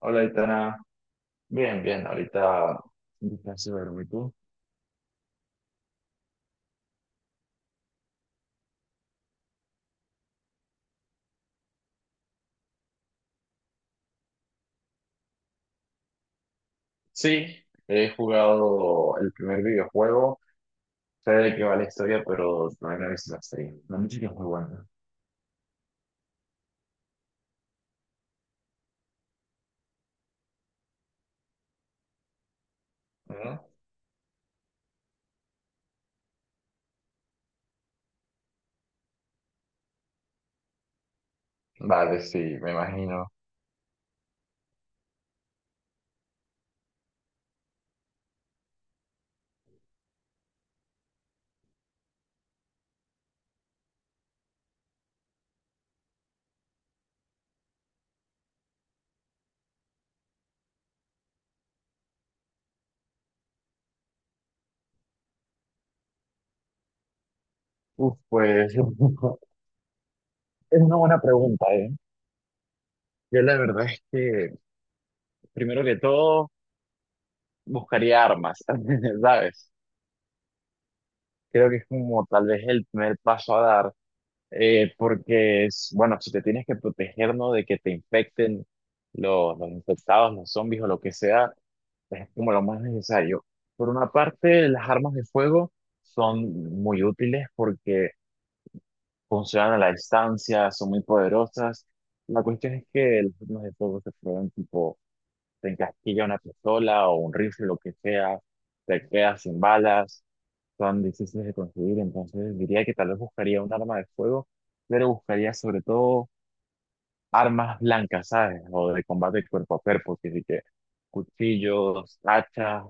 Hola, Itana. Bien, bien. Ahorita casi duermo. ¿Y tú? Sí, he jugado el primer videojuego. Sé de qué va la historia, pero no he visto la serie. La música es muy buena. Ujú. Vale, sí, me imagino. Uf, pues es una buena pregunta, ¿eh? Yo la verdad es que, primero que todo, buscaría armas, ¿sabes? Creo que es como tal vez el primer paso a dar. Porque es, bueno, si te tienes que proteger, ¿no? De que te infecten los infectados, los zombies o lo que sea, es como lo más necesario. Por una parte, las armas de fuego son muy útiles porque funcionan a la distancia, son muy poderosas. La cuestión es que las armas de fuego se prueban tipo, te encasquilla una pistola o un rifle, lo que sea, te quedas sin balas tan difíciles de conseguir, entonces diría que tal vez buscaría un arma de fuego, pero buscaría sobre todo armas blancas, ¿sabes? O de combate cuerpo a cuerpo, que sí que cuchillos, hachas,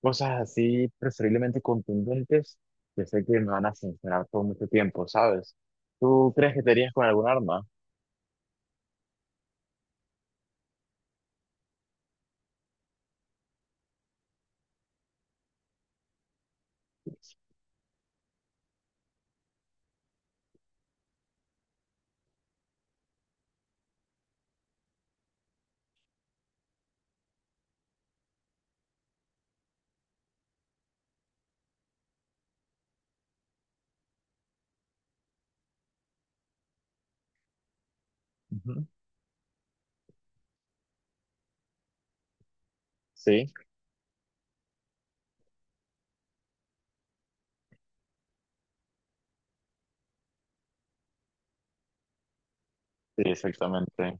cosas así preferiblemente contundentes, que sé que me van a funcionar por mucho tiempo, ¿sabes? ¿Tú crees que te irías con algún arma? Ujú. Sí, sí, exactamente.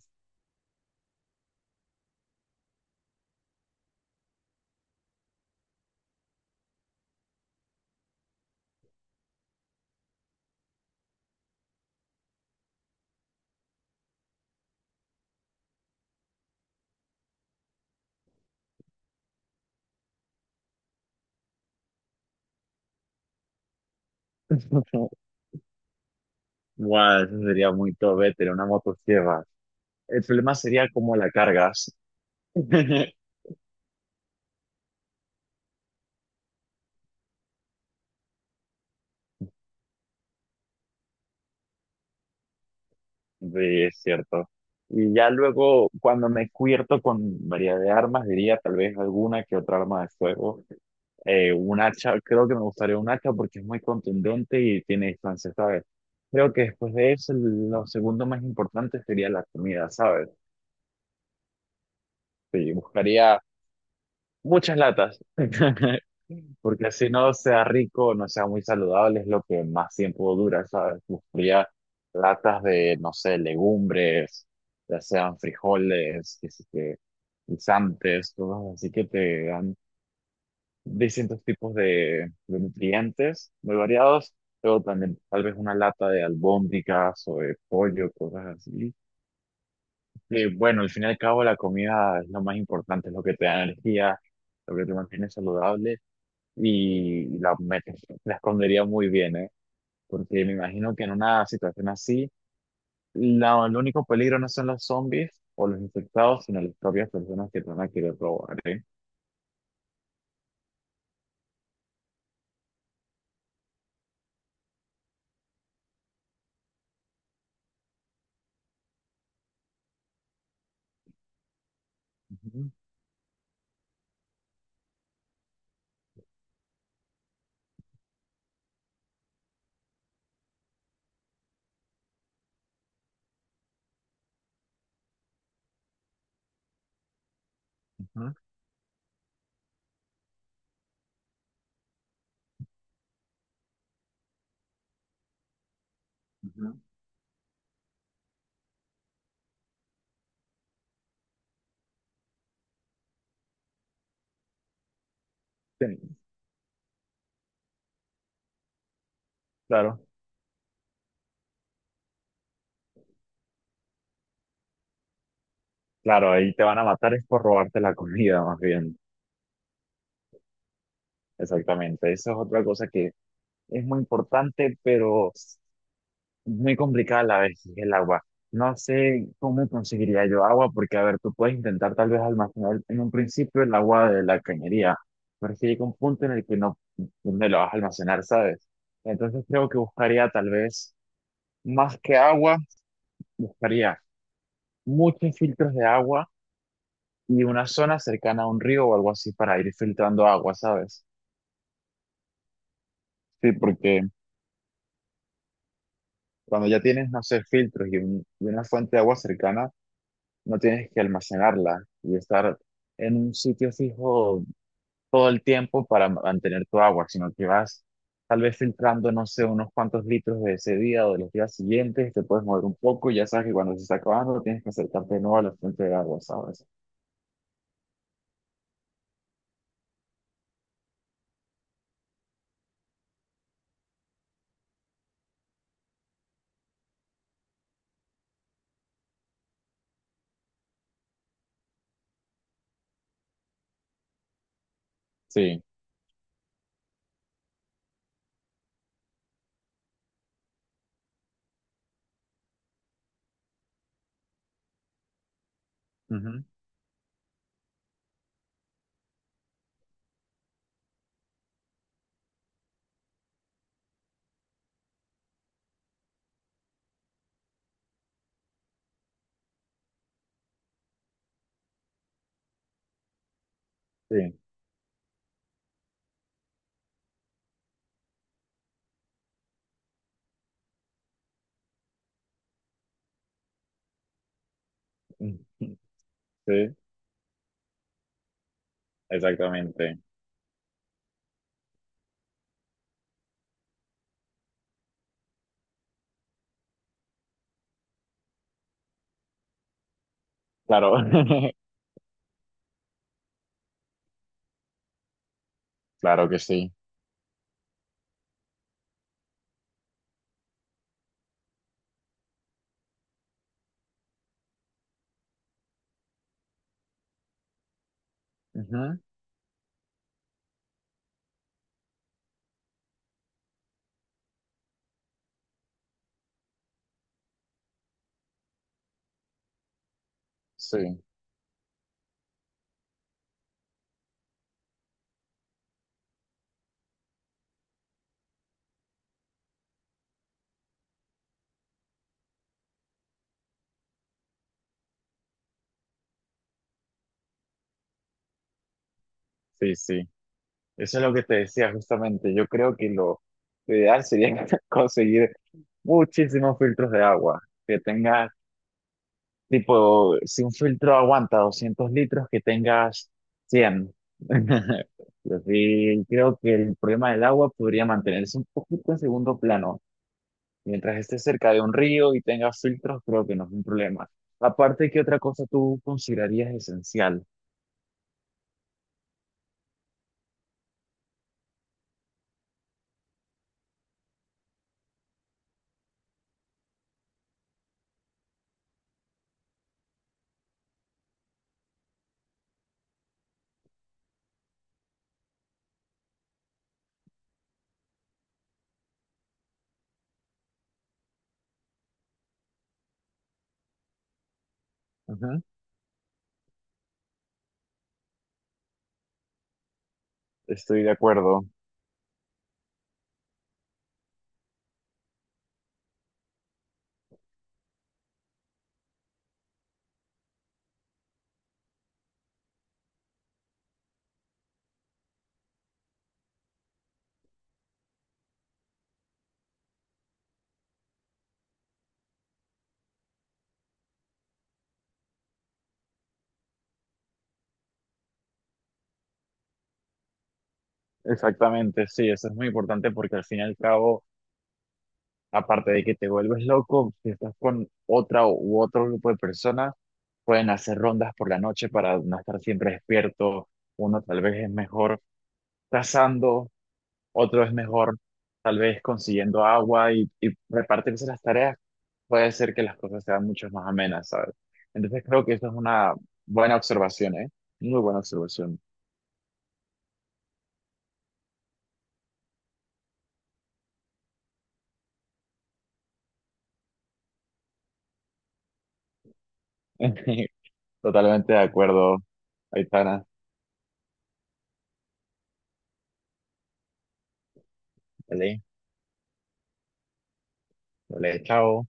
Guau, eso sería muy top, tener una motosierra. El problema sería cómo la cargas. Sí, es cierto. Y ya luego, cuando me cubierto con variedad de armas, diría tal vez alguna que otra arma de fuego. Un hacha, creo que me gustaría un hacha porque es muy contundente y tiene distancia, ¿sabes? Creo que después de eso, lo segundo más importante sería la comida, ¿sabes? Sí, buscaría muchas latas. Porque así no sea rico, no sea muy saludable, es lo que más tiempo dura, ¿sabes? Buscaría latas de, no sé, legumbres, ya sean frijoles, que sí que guisantes, cosas así que te dan distintos tipos de nutrientes muy variados. Luego también tal vez una lata de albóndigas o de pollo, cosas así. Que bueno, al fin y al cabo la comida es lo más importante, es lo que te da energía, lo que te mantiene saludable y la escondería muy bien, ¿eh? Porque me imagino que en una situación así, el único peligro no son los zombies o los infectados, sino las propias personas que te van a querer robar, ¿eh? Ujú, ujú, ujú. Sí, claro, claro, ahí te van a matar es por robarte la comida, más bien. Exactamente, eso es otra cosa que es muy importante, pero muy complicada la vez el agua. No sé cómo conseguiría yo agua, porque a ver, tú puedes intentar tal vez almacenar en un principio el agua de la cañería, pero si llega un punto en el que no me lo vas a almacenar, ¿sabes? Entonces creo que buscaría tal vez más que agua, buscaría muchos filtros de agua y una zona cercana a un río o algo así para ir filtrando agua, ¿sabes? Sí, porque cuando ya tienes, no sé, filtros y, y una fuente de agua cercana, no tienes que almacenarla y estar en un sitio fijo todo el tiempo para mantener tu agua, sino que vas tal vez filtrando, no sé, unos cuantos litros de ese día o de los días siguientes, te puedes mover un poco y ya sabes que cuando se está acabando tienes que acercarte de nuevo a la fuente de agua, ¿sabes? Sí, ujú, sí, sí, exactamente. Claro, claro que sí. Ujú, sí, sí, sí. Eso es lo que te decía justamente. Yo creo que lo ideal sería conseguir muchísimos filtros de agua. Que tengas, tipo, si un filtro aguanta 200 litros, que tengas 100. Pero sí, creo que el problema del agua podría mantenerse un poquito en segundo plano. Mientras estés cerca de un río y tengas filtros, creo que no es un problema. Aparte, ¿qué otra cosa tú considerarías esencial? Ujú, estoy de acuerdo. Exactamente, sí, eso es muy importante porque al fin y al cabo aparte de que te vuelves loco, si estás con otra u otro grupo de personas, pueden hacer rondas por la noche para no estar siempre despierto. Uno tal vez es mejor cazando, otro es mejor tal vez consiguiendo agua y repartirse las tareas puede ser que las cosas sean mucho más amenas, ¿sabes? Entonces creo que eso es una buena observación, ¿eh? Muy buena observación. Totalmente de acuerdo, Aitana. Vale, vale, chao.